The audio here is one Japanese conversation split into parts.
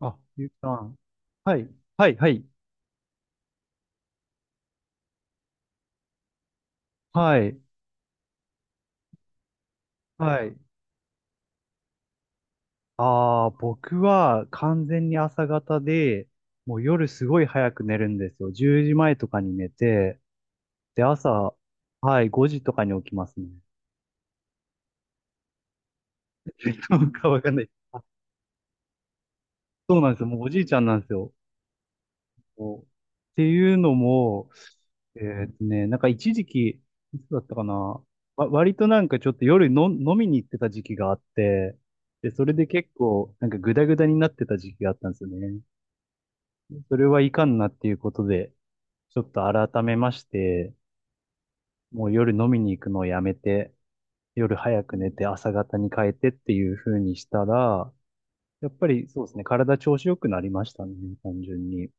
あ、ゆうきさん。はい、はい、はい、はい、はい。ああ、僕は完全に朝方で、もう夜すごい早く寝るんですよ。10時前とかに寝て、で、朝、はい、5時とかに起きますね。なんかわかんない。そうなんですよ。もうおじいちゃんなんですよ。そうっていうのも、なんか一時期、いつだったかな、割となんかちょっと夜の飲みに行ってた時期があって、で、それで結構なんかグダグダになってた時期があったんですよね。それはいかんなっていうことで、ちょっと改めまして、もう夜飲みに行くのをやめて、夜早く寝て朝方に変えてっていう風にしたら、やっぱりそうですね、体調子良くなりましたね、単純に。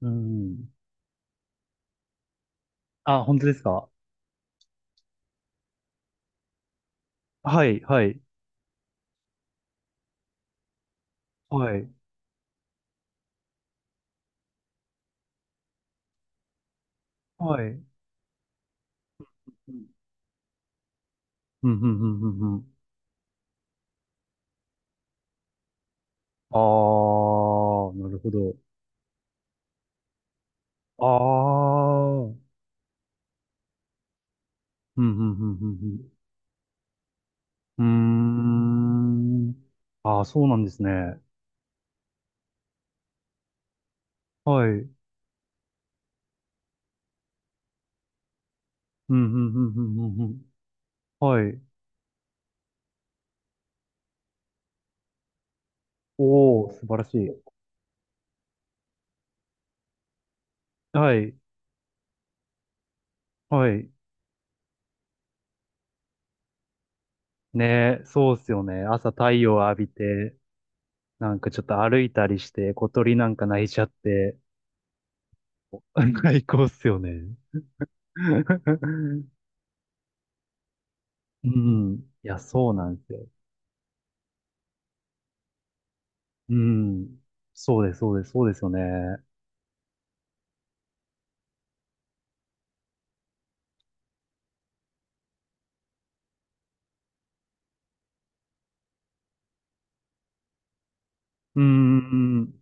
うん。あ、本当ですか？はい、はい。はい。はい。うん、うん、うん、うん。うん。あー、なるほど。ああ。うん、うん、うん、うん。うん。うーん。ああ、そうなんですね。はい。うん、うん、うん、うん、うん、うん。はい。おー、素晴らしい。はい。はい。ねえ、そうっすよね。朝太陽を浴びて、なんかちょっと歩いたりして、小鳥なんか鳴いちゃって、最高っすよね。うん。いや、そうなんですよ。うん。そうです、そうです、そうですよね。うん。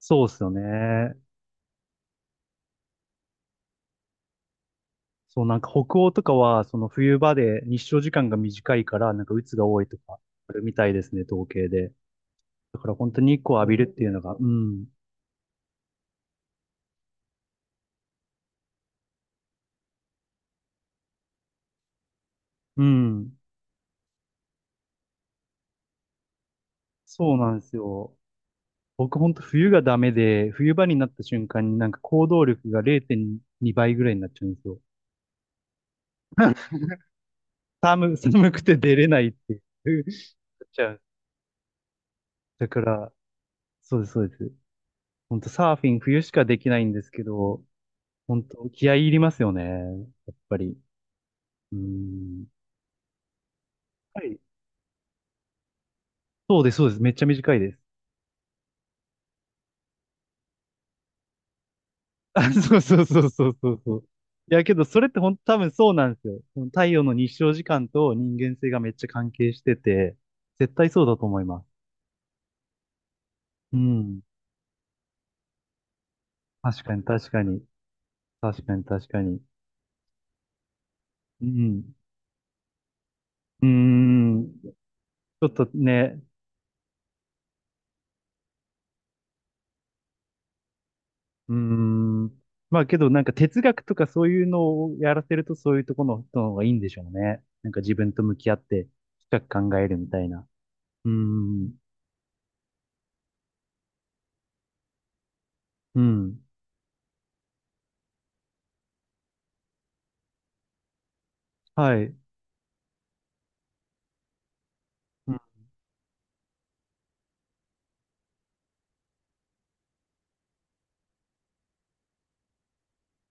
そうですよね。そう、なんか北欧とかは、その冬場で日照時間が短いから、なんか鬱が多いとか、あるみたいですね、統計で。だから本当に日光を浴びるっていうのが、うん。うん。そうなんですよ。僕本当冬がダメで、冬場になった瞬間になんか行動力が0.2倍ぐらいになっちゃうんですよ。寒くて出れないっていう。なっちゃう。だから、そうです、そうです。ほんとサーフィン冬しかできないんですけど、本当気合い入りますよね。やっぱり。うん。はい。そうです、そうです。めっちゃ短いです。あ、そう、そう、そう、そう、そう、そう。いや、けどそれって本当多分そうなんですよ。その太陽の日照時間と人間性がめっちゃ関係してて、絶対そうだと思います。うん。確かに、確かに。確かに、確かに。うん。うーん。ちょっとね、うーん。まあけどなんか哲学とかそういうのをやらせるとそういうところの人の方がいいんでしょうね。なんか自分と向き合って深く考えるみたいな。うーん。うん。はい。うん。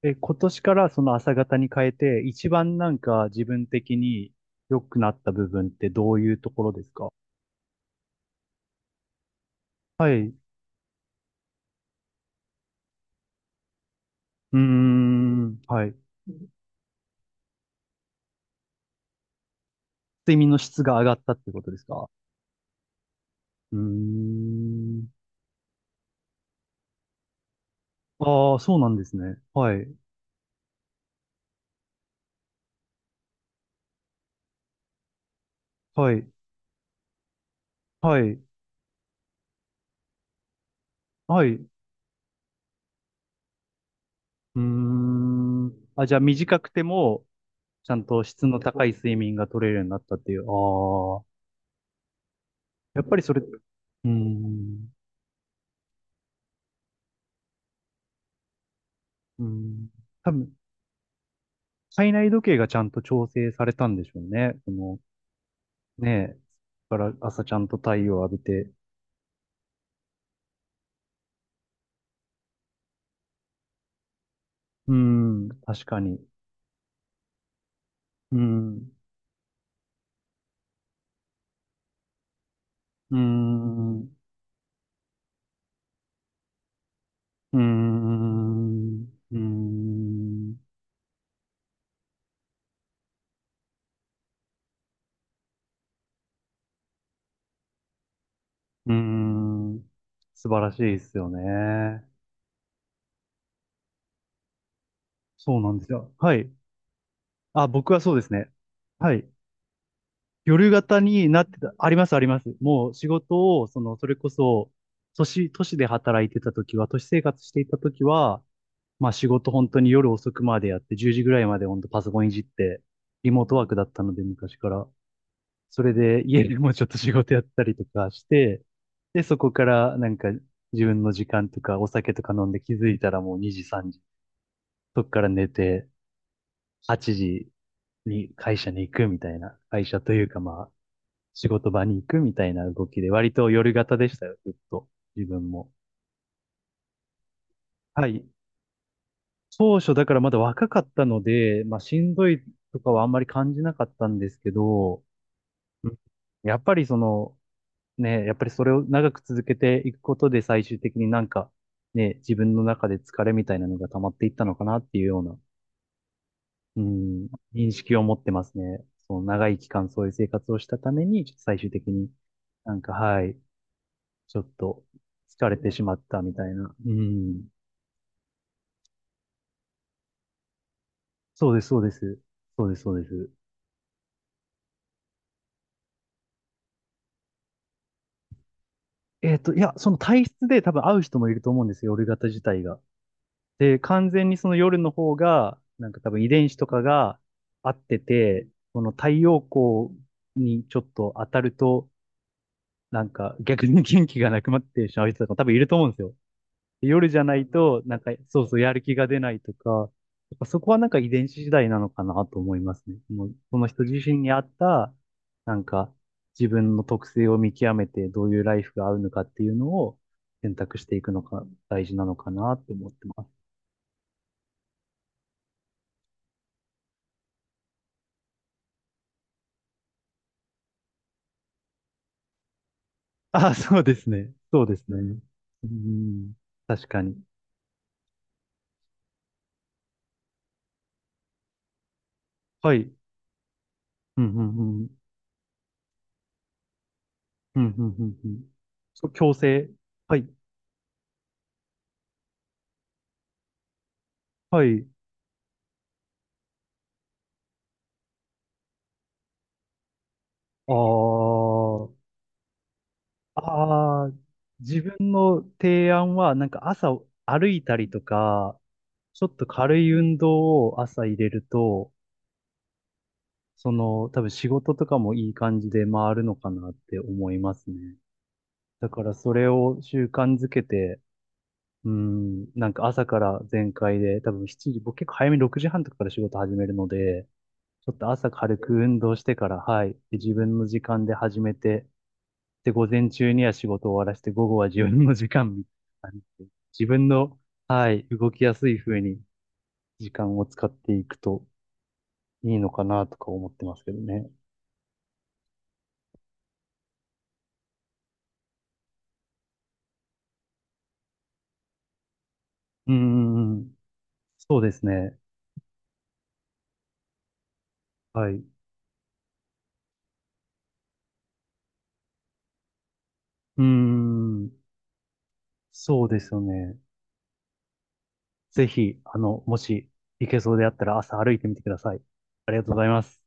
え、今年からその朝方に変えて一番なんか自分的に良くなった部分ってどういうところですか？はい。うーん。はい。睡眠の質が上がったってことですか？うーん。ああ、そうなんですね。はい。はい。はい。はい。うーん。あ、じゃあ短くても、ちゃんと質の高い睡眠が取れるようになったっていう。ああ。やっぱりそれ、うーん。うーん。多分、体内時計がちゃんと調整されたんでしょうね。この、ねえ。だから朝ちゃんと太陽を浴びて。うーん。確かに。うーん。うーん。うーん。うーん。うーん。素晴らしいですよね。そうなんですよ。はい。あ、僕はそうですね。はい。夜型になってた、あります、あります。もう仕事を、その、それこそ、都市で働いてた時は、都市生活していた時は、まあ仕事本当に夜遅くまでやって、10時ぐらいまで本当パソコンいじって、リモートワークだったので、昔から。それで家でもちょっと仕事やったりとかして、で、そこからなんか自分の時間とかお酒とか飲んで気づいたらもう2時、3時。そこから寝て、8時に会社に行くみたいな、会社というかま仕事場に行くみたいな動きで、割と夜型でしたよ、ずっと。自分も。はい。当初だからまだ若かったので、まあしんどいとかはあんまり感じなかったんですけど、うん、やっぱりその、ね、やっぱりそれを長く続けていくことで最終的になんか、ね、自分の中で疲れみたいなのが溜まっていったのかなっていうような、うん、認識を持ってますね。その長い期間そういう生活をしたために、ちょっと最終的になんか、はい、ちょっと疲れてしまったみたいな。うん。そうです、そうです。そうです、そうです。いや、その体質で多分合う人もいると思うんですよ、夜型自体が。で、完全にその夜の方が、なんか多分遺伝子とかが合ってて、その太陽光にちょっと当たると、なんか逆に元気がなくなってしまう人とかも多分いると思うんですよ。夜じゃないと、なんか、そう、そう、やる気が出ないとか、やっぱそこはなんか遺伝子次第なのかなと思いますね。もう、その人自身に合った、なんか、自分の特性を見極めて、どういうライフが合うのかっていうのを選択していくのが大事なのかなって思ってます。ああ、そうですね。そうですね。うん、確かに。はい。うん、うん、うん。うん、うん、うん、うん。そう、強制。はい、はい。ああ。ああ、自分の提案は、なんか朝歩いたりとか、ちょっと軽い運動を朝入れると、その、多分仕事とかもいい感じで回るのかなって思いますね。だからそれを習慣づけて、うん、なんか朝から全開で、多分7時、僕結構早めに6時半とかから仕事始めるので、ちょっと朝軽く運動してから、はい、で自分の時間で始めて、で、午前中には仕事を終わらせて、午後は自分の時間みたいな感じで、自分の、はい、動きやすい風に時間を使っていくといいのかなとか思ってますけどね。うーん、そうですね。はい。うーん、そうですよね。ぜひ、あの、もし行けそうであったら朝歩いてみてください。ありがとうございます。